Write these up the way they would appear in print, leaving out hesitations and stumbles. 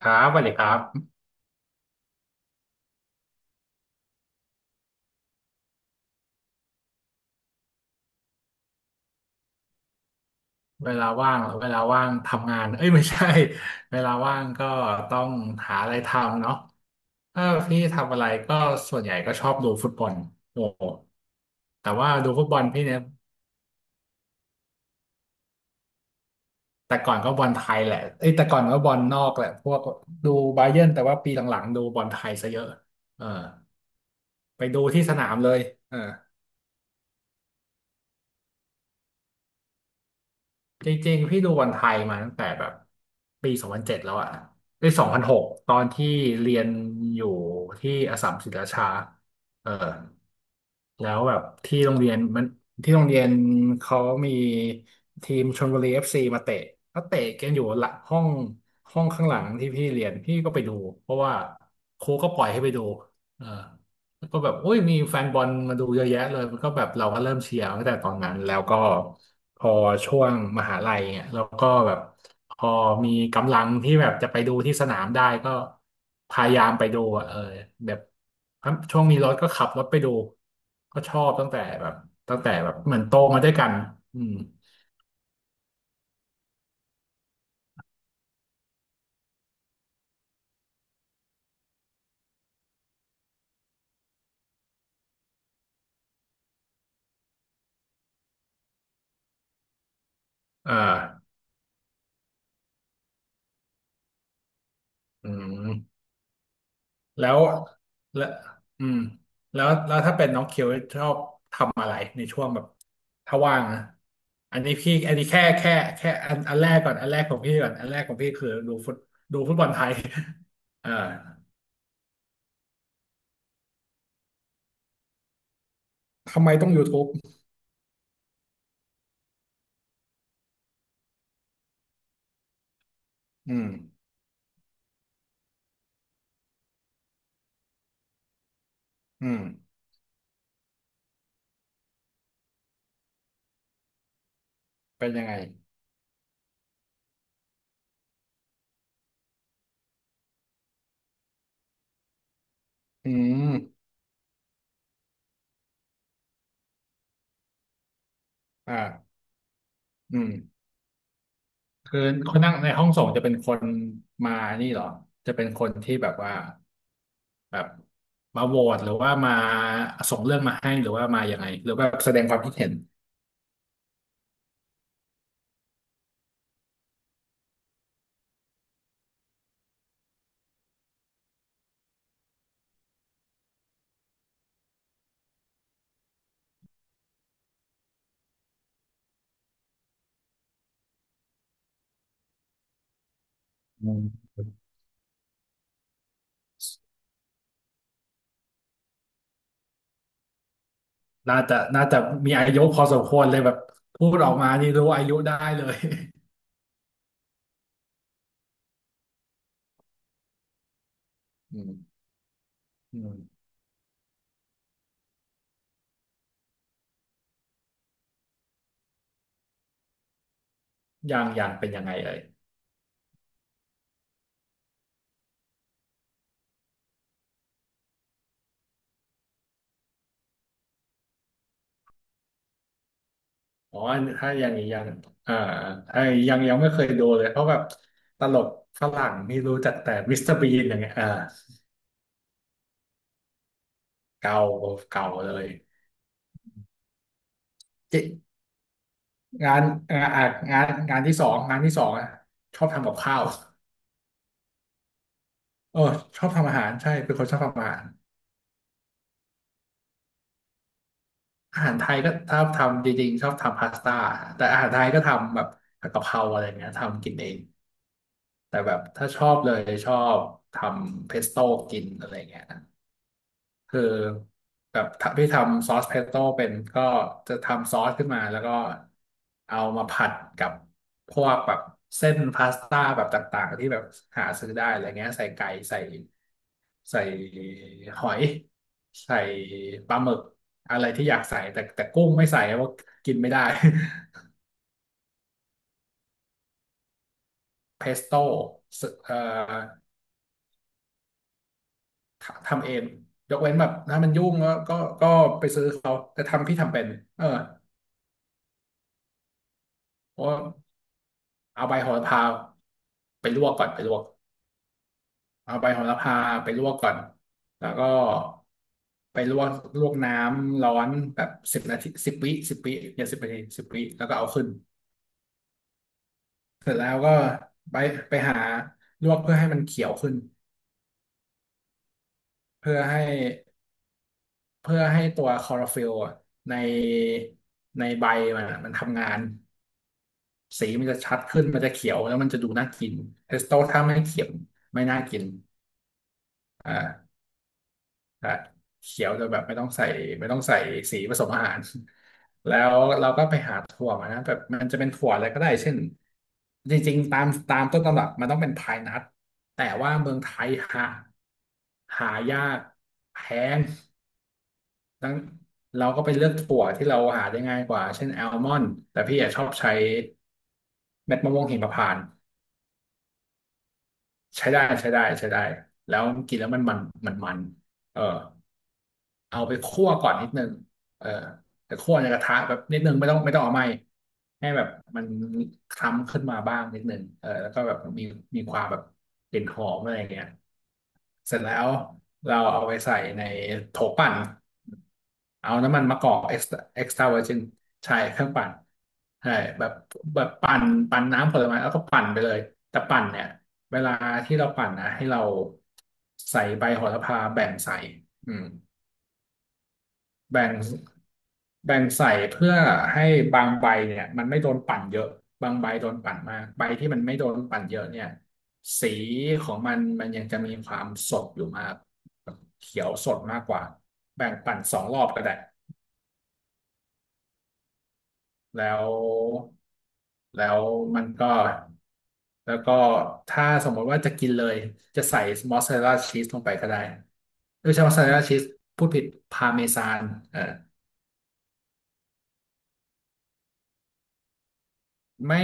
ครับสวัสดีครับเวลาว่างทำงานเอ้ยไม่ใช่ เวลาว่างก็ต้องหาอะไรทำเนาะถ้าพี่ทำอะไรก็ส่วนใหญ่ก็ชอบดูฟุตบอลโอ้โหแต่ว่าดูฟุตบอลพี่เนี่ยแต่ก่อนก็บอลไทยแหละเอ้ยแต่ก่อนก็บอลนอกแหละพวกดูบาเยิร์นแต่ว่าปีหลังๆดูบอลไทยซะเยอะเออไปดูที่สนามเลยเออ จริงๆพี่ดูบอลไทยมาตั้งแต่แบบปี2007แล้วอะปี2006ตอนที่เรียนอยู่ที่อัสสัมศรีราชาเออแล้วแบบที่โรงเรียนมันที่โรงเรียนเขามีทีมชลบุรีเอฟซีมาเตะเขาเตะกันอยู่หลังห้องห้องข้างหลังที่พี่เรียนพี่ก็ไปดูเพราะว่าครูก็ปล่อยให้ไปดูเออแล้วก็แบบอุ้ยมีแฟนบอลมาดูเยอะแยะเลยมันก็แบบเราก็เริ่มเชียร์ตั้งแต่ตอนนั้นแล้วก็ พอช่วงมหาลัยเนี่ยแล้วก็แบบพอมีกำลังที่แบบจะไปดูที่สนามได้ก็พยายามไปดูอะเออแบบช่วงมีรถก็ขับรถไปดูก็ชอบตั้งแต่แบบเหมือนโตมาด้วยกันอืมอ่าอืมแล้วแล้วอืมแล้วแล้วถ้าเป็นน้องเคียวชอบทำอะไรในช่วงแบบถ้าว่างนะอันนี้แค่อันแรกก่อนอันแรกของพี่ก่อนอันแรกของพี่คือดูฟุตบอลไทย อ่าทำไมต้อง YouTube อืมอืมเป็นยังไงอืมอ่าอืมคือคนนั่งในห้องส่งจะเป็นคนมานี่เหรอจะเป็นคนที่แบบว่าแบบมาโหวตหรือว่ามาส่งเรื่องมาให้หรือว่ามายังไงหรือว่าแสดงความคิดเห็นอืมน่าจะมีอายุพอสมควรเลยแบบพูดออกมานี่รู้อายุได้เลยอืมอืมอย่างเป็นยังไงเอ่ย อ๋อถ้ายังยังอ่าไอ้ยังไม่เคยดูเลย เพราะแบบตลกฝรั่งนี่รู้จักแต่มิสเตอร์บีนอย่างเงี้ยอ่าเก่าเก่าเลยเจ๊งานงานอ่ะงานงานที่สองงานที่สองอ่ะชอบทำกับข้าวเออชอบทำอาหารใช่เป็นคนชอบทำอาหารอาหารไทยก็ชอบทำจริงๆชอบทำพาสต้าแต่อาหารไทยก็ทำแบบผัดกะเพราอะไรเงี้ยทำกินเองแต่แบบถ้าชอบเลยชอบทำเพสโต้กินอะไรเงี้ย คือแบบพี่ทำซอสเพสโต้เป็นก็จะทำซอสขึ้นมาแล้วก็เอามาผัดกับพวกแบบเส้นพาสต้าแบบต่างๆที่แบบหาซื้อได้อะไรเงี้ยใส่ไก่ใส่หอยใส่ปลาหมึกอะไรที่อยากใส่แต่กุ้งไม่ใส่เพราะกินไม่ได้ เพสโต้เอ่อทำเองยกเว้นแบบถ้ามันยุ่งก็ไปซื้อเขาแต่ทำพี่ทำเป็นเออเพราะ เอาใบโหระพาไปลวกก่อนไปลวกเอาใบโหระพาไปลวกก่อนแล้วก็ไปลวกน้ำร้อนแบบสิบนาทีสิบวิอย่าสิบนาทีสิบวิแล้วก็เอาขึ้นเสร็จแล้วก็ไปไปหาลวกเพื่อให้มันเขียวขึ้นเพื่อให้เพื่อให้ตัวคลอโรฟิลล์อะในในใบมันอะมันทำงานสีมันจะชัดขึ้นมันจะเขียวแล้วมันจะดูน่ากินเทสโต้ถ้าไม่เขียวไม่น่ากินอ่า อ่ะเขียวโดยแบบไม่ต้องใส่ไม่ต้องใส่สีผสมอาหาร แล้วเราก็ไปหาถั่วมานะแบบมันจะเป็นถั่วอะไรก็ได้เช่นจริงๆตามต้นตำรับมันต้องเป็นพายนัทแต่ว่าเมืองไทยหายากแพงดังเราก็ไปเลือกถั่วที่เราหาได้ง่ายกว่าเช่นแอลมอนด์แต่พี่อะชอบใช้เม็ดมะม่วงหิมพานต์ ใช้ได้ใช้ได้ใช้ได้แล้วกินแล้วมันเออเอาไปคั่วก่อนนิดนึงเออแต่คั่วในกระทะแบบนิดนึงไม่ต้องไม่ต้องเอาไหม้ให้แบบมันคล้ำขึ้นมาบ้างนิดนึงเออแล้วก็แบบมีความแบบกลิ่นหอมอะไรอย่างเงี้ยเสร็จแล้วเราเอาไปใส่ในโถปั่นเอาน้ำมันมะกอกเอ็กซ์ตร้าเวอร์จินใช่เครื่องปั่นใช่แบบแบบปั่นปั่นน้ำผลไม้แล้วก็ปั่นไปเลยแต่ปั่นเนี่ย เวลาที่เราปั่นนะให้เราใส่ใบโหระพาแบ่งใส่อืมแบ่งแบ่งใส่เพื่อให้บางใบเนี่ยมันไม่โดนปั่นเยอะบางใบโดนปั่นมากใบที่มันไม่โดนปั่นเยอะเนี่ยสีของมันมันยังจะมีความสดอยู่มากแบบเขียวสดมากกว่าแบ่งปั่น2 รอบก็ได้ แล้วแล้วมันก็แล้วก็ถ้าสมมติว่าจะกินเลยจะใส่มอสซาเรลลาชีสลงไปก็ได้ไม่ใช่มอสซาเรลลาชีสพูดผิดพาเมซานเออไม่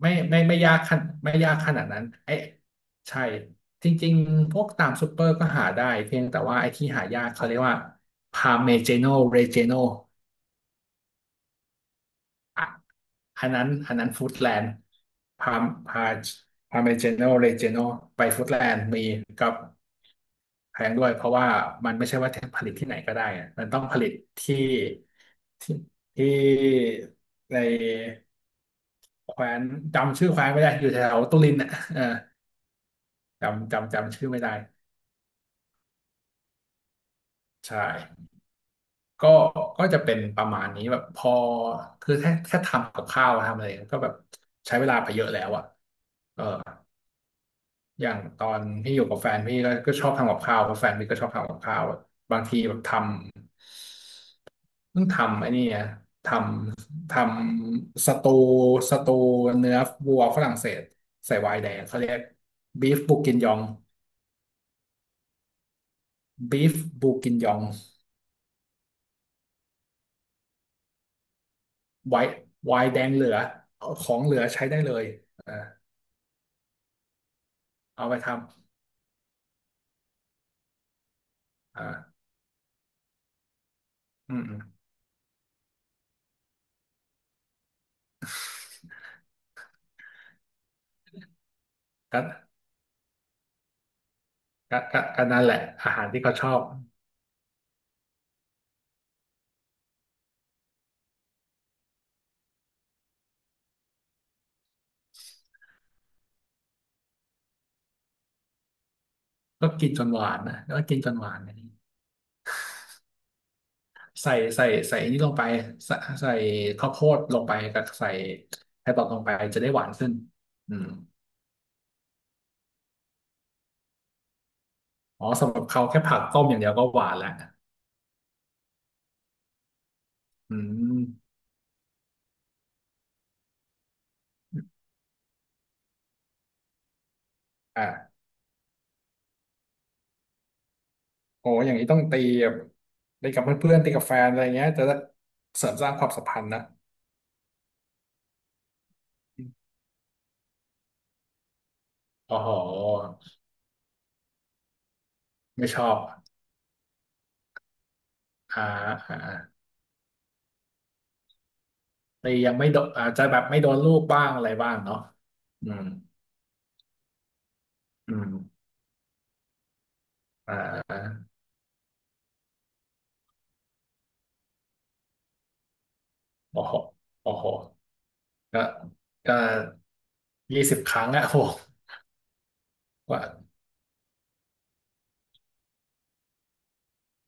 ไม่ยากไม่ยากขนาดนั้นไอ้ใช่จริงๆพวกตามซูเปอร์ก็หาได้เพียงแต่ว่าไอ้ที่หายากเขาเรียกว่าพาเมเจโนเรเจโน อ่ะอันนั้นฟู้ดแลนด์พาพาพาเมเจโนเรเจโนไปฟู้ดแลนด์มีกับแพงด้วยเพราะว่ามันไม่ใช่ว่าผลิตที่ไหนก็ได้อะมันต้องผลิตที่ที่ที่ในแคว้นจำชื่อแคว้นไม่ได้อยู่แถวตุรินอ่ะเออจำชื่อไม่ได้ใช่ก็ก็จะเป็นประมาณนี้แบบพอคือแค่ทำกับข้าวทำอะไรก็แบบใช้เวลาไปเยอะแล้วอ่ะเออ อย่างตอนพี่อยู่กับแฟนพี่ก็ชอบทำกับข้าวเพราะแฟนพี่ก็ชอบทำกับข้าวอะบางทีแบบทำต้องทำไอ้นี่อะททำสตูเนื้อวัวฝรั่งเศสใส่ไวน์แดงเขาเรียกบีฟบูกินยองบีฟบูกินยองไวน์ไวน์แดงเหลือของเหลือใช้ได้เลยเออเอาไปทำอ่าอืมอืมก็ก็นั่นแหละอาหารที่เขาชอบก็กินจนหวานนะก็กินจนหวานอันนี้ ใส่ใส่นี่ลงไปใส่ใส่ข้าวโพดลงไปกับใส่แครอทลงไปจะได้หวานขึ้นอืมอ๋อสำหรับเขาแค่ผักต้มอย่างเดียวก็หวานแล้วอืมอ่ะโอ้อย่างนี้ต้องตีแบบตีกับเพื่อนๆตีกับแฟนอะไรเงี้ยจะได้เสริมสร้างความสัมพันธ์นะโอ้โหไม่ชอบอ่าอ่าตียังไม่โดนอาจจะแบบไม่โดนลูกบ้างอะไรบ้างเนาะอืมอืมอ่าโอ้โหโอ้โหก็ก็20 ครั้งอะโอ้โห กว่า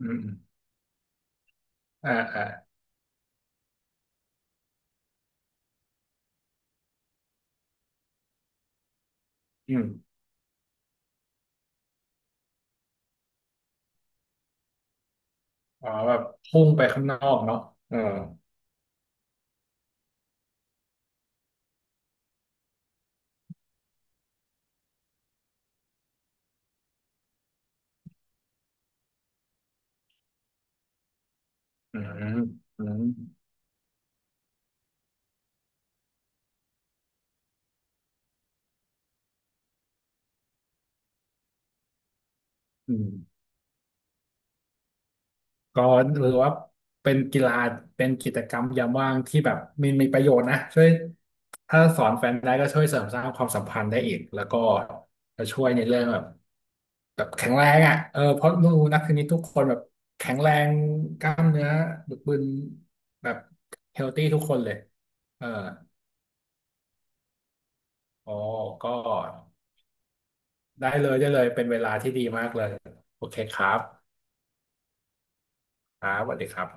อืมอ่าอืมอ๋อแบบพุ่งไปข้างนอกเนาะเอออืมอืมอืมก็หรือว่าเป็นกีฬาเป็นกิจกรรมยามว่างที่แบบมีประโยชน์นะช่วยถ้าสอนแฟนได้ก็ช่วยเสริมสร้างความสัมพันธ์ได้อีกแล้วก็จะช่วยในเรื่องแบบแข็งแรงอ่ะเออเพราะรู้นักเทนนิสทุกคนแบบแข็งแรงกล้ามเนื้อบึกบึนแบบเฮลตี้ทุกคนเลยเอออ๋อก็ ได้เลยเป็นเวลาที่ดีมากเลยโอเคครับครับสวัสดีครับ